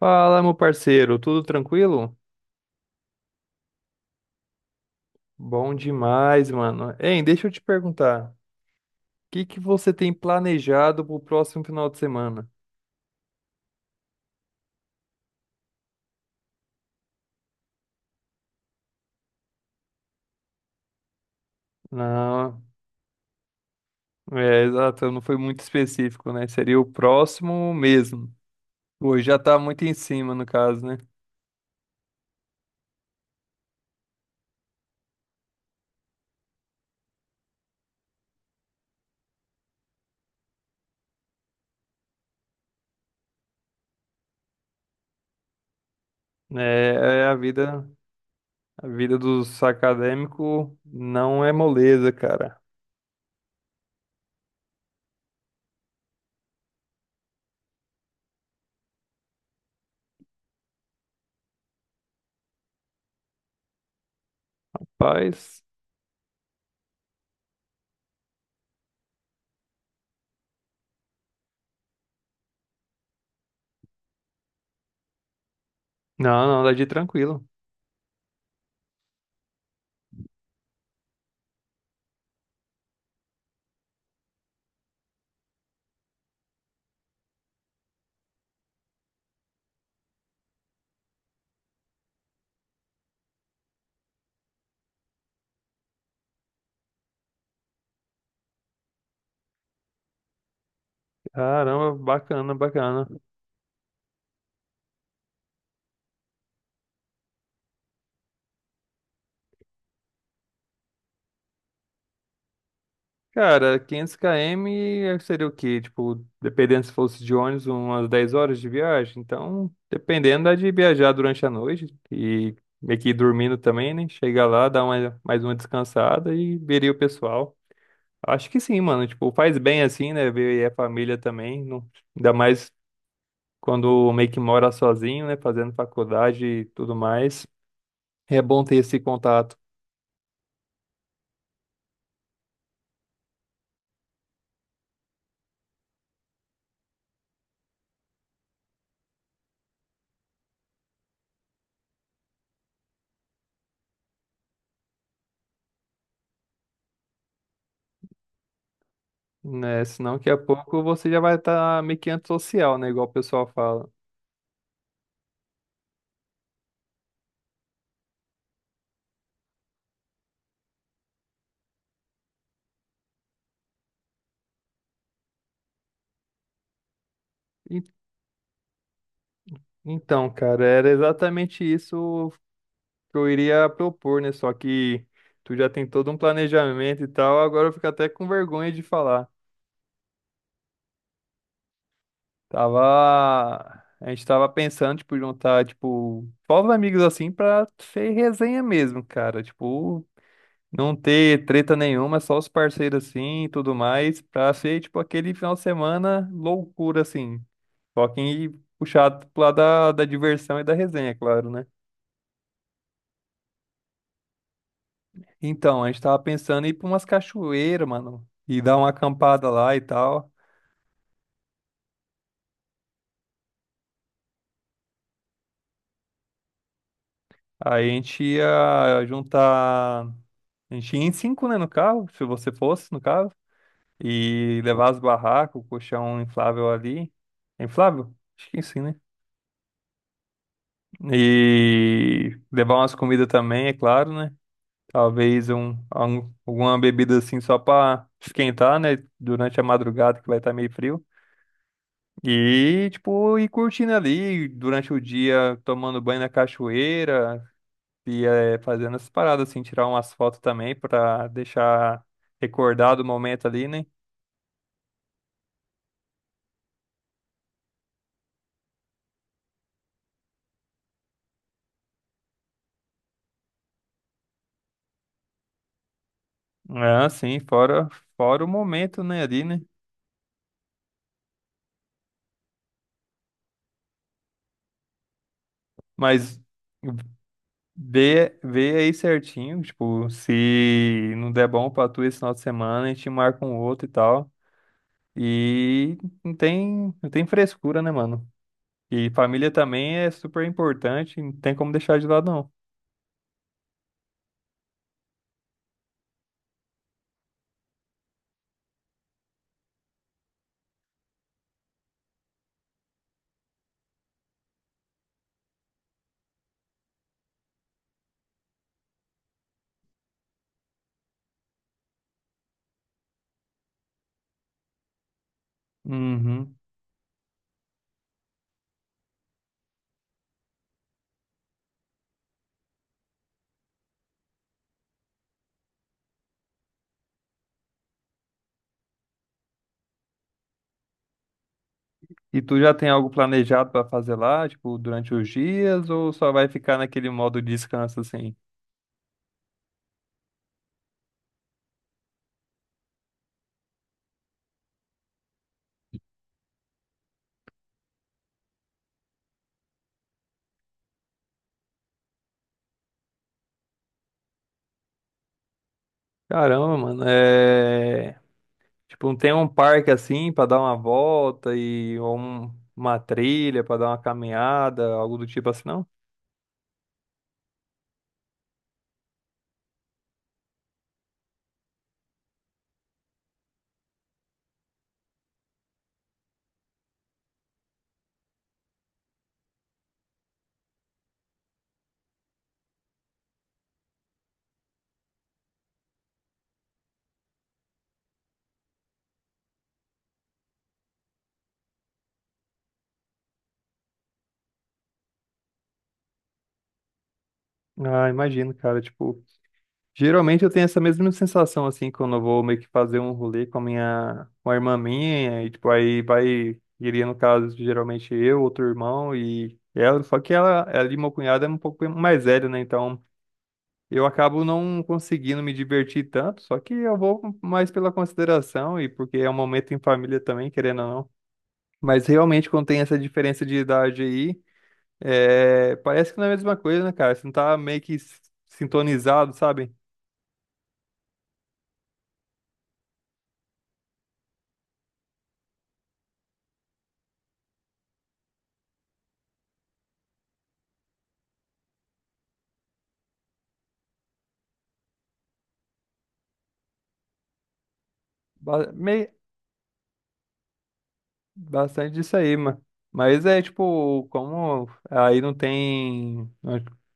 Fala, meu parceiro, tudo tranquilo? Bom demais, mano. Hein, deixa eu te perguntar, o que que você tem planejado pro próximo final de semana? Não, é, exato, não foi muito específico, né? Seria o próximo mesmo. Hoje já tá muito em cima, no caso, né? É, é a vida dos acadêmicos não é moleza, cara. Paz. Não, não, dá de tranquilo. Caramba, bacana, bacana. Cara, 500 km seria o quê? Tipo, dependendo se fosse de ônibus, umas 10 horas de viagem. Então, dependendo, dá de viajar durante a noite e meio que ir dormindo também, né? Chegar lá, mais uma descansada e veria o pessoal. Acho que sim, mano. Tipo, faz bem assim, né? Ver a família também. Ainda mais quando meio que mora sozinho, né? Fazendo faculdade e tudo mais. É bom ter esse contato, né? Senão, daqui a pouco você já vai estar meio que antissocial, né? Igual o pessoal fala. Então, cara, era exatamente isso que eu iria propor, né? Só que tu já tem todo um planejamento e tal, agora eu fico até com vergonha de falar. Tava. A gente tava pensando, tipo, juntar, tipo, povos amigos assim pra ser resenha mesmo, cara. Tipo, não ter treta nenhuma, só os parceiros assim e tudo mais, pra ser, tipo, aquele final de semana loucura, assim. Só que puxado pro lado da diversão e da resenha, é claro, né? Então, a gente tava pensando em ir pra umas cachoeiras, mano, e dar uma acampada lá e tal. Aí a gente ia juntar. A gente ia em cinco, né, no carro, se você fosse, no carro, e levar as barracas, o colchão inflável ali. É inflável? Acho que sim, né? E levar umas comidas também, é claro, né? Talvez alguma bebida assim só pra esquentar, né? Durante a madrugada que vai estar meio frio. E, tipo, ir curtindo ali durante o dia, tomando banho na cachoeira e fazendo essas paradas, assim, tirar umas fotos também pra deixar recordado o momento ali, né? Ah, sim, fora o momento, né, ali, né? Mas vê aí certinho, tipo, se não der bom pra tu esse final de semana, a gente marca um outro e tal. E não tem frescura, né, mano? E família também é super importante, não tem como deixar de lado, não. Uhum. E tu já tem algo planejado pra fazer lá, tipo, durante os dias, ou só vai ficar naquele modo descanso assim? Caramba, mano, é. Tipo, não tem um parque assim pra dar uma volta e ou uma trilha pra dar uma caminhada, algo do tipo assim, não? Ah, imagino, cara, tipo. Geralmente eu tenho essa mesma sensação, assim, quando eu vou meio que fazer um rolê com a irmã minha, e tipo, aí iria no caso, geralmente eu, outro irmão e ela, só que ela e meu cunhado é um pouco mais velho, né? Então eu acabo não conseguindo me divertir tanto, só que eu vou mais pela consideração e porque é um momento em família também, querendo ou não. Mas realmente quando tem essa diferença de idade aí, é, parece que não é a mesma coisa, né, cara? Você não tá meio que sintonizado, sabe? Ba- mei- Bastante disso aí, mano. Mas é tipo, como aí não tem.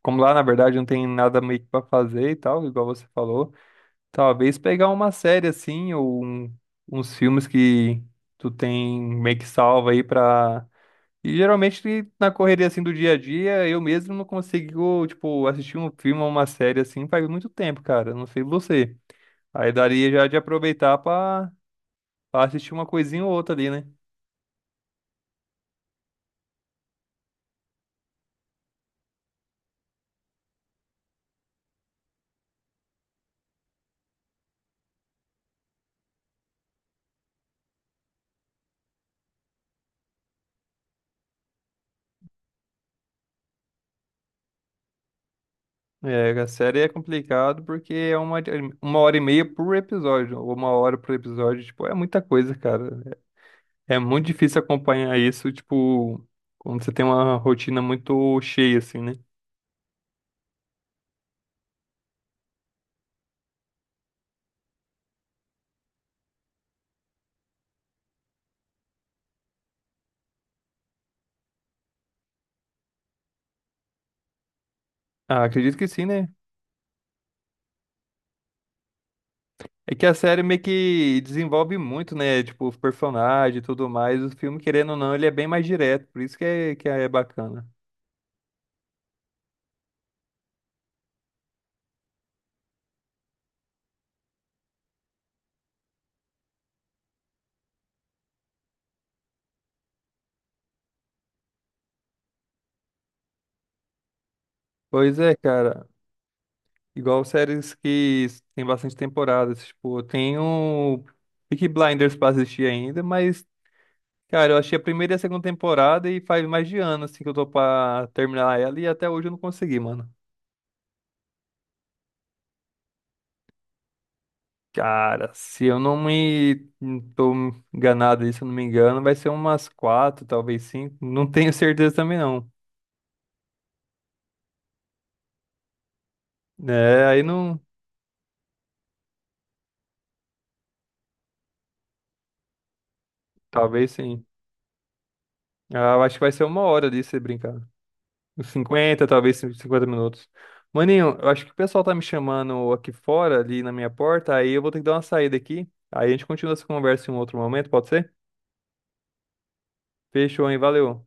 Como lá na verdade não tem nada meio que pra fazer e tal, igual você falou. Talvez pegar uma série assim, ou uns filmes que tu tem meio que salva aí pra. E geralmente na correria assim do dia a dia, eu mesmo não consigo, tipo, assistir um filme ou uma série assim faz muito tempo, cara. Não sei você. Aí daria já de aproveitar pra assistir uma coisinha ou outra ali, né? É, a série é complicado porque é uma hora e meia por episódio, ou uma hora por episódio, tipo, é muita coisa, cara. É muito difícil acompanhar isso, tipo, quando você tem uma rotina muito cheia, assim, né? Ah, acredito que sim, né? É que a série meio que desenvolve muito, né? Tipo, os personagens e tudo mais. O filme, querendo ou não, ele é bem mais direto, por isso que que é bacana. Pois é, cara. Igual séries que tem bastante temporadas, tipo, tem o Peaky Blinders pra assistir ainda, mas Cara, eu achei a primeira e a segunda temporada e faz mais de ano, assim, que eu tô pra terminar ela e até hoje eu não consegui, mano. Cara, se eu não me engano, vai ser umas quatro, talvez cinco. Não tenho certeza também, não. É, aí não. Talvez sim. Ah, eu acho que vai ser uma hora disso, se brincar. Uns 50, talvez 50 minutos. Maninho, eu acho que o pessoal tá me chamando aqui fora, ali na minha porta, aí eu vou ter que dar uma saída aqui. Aí a gente continua essa conversa em um outro momento, pode ser? Fechou, hein? Valeu.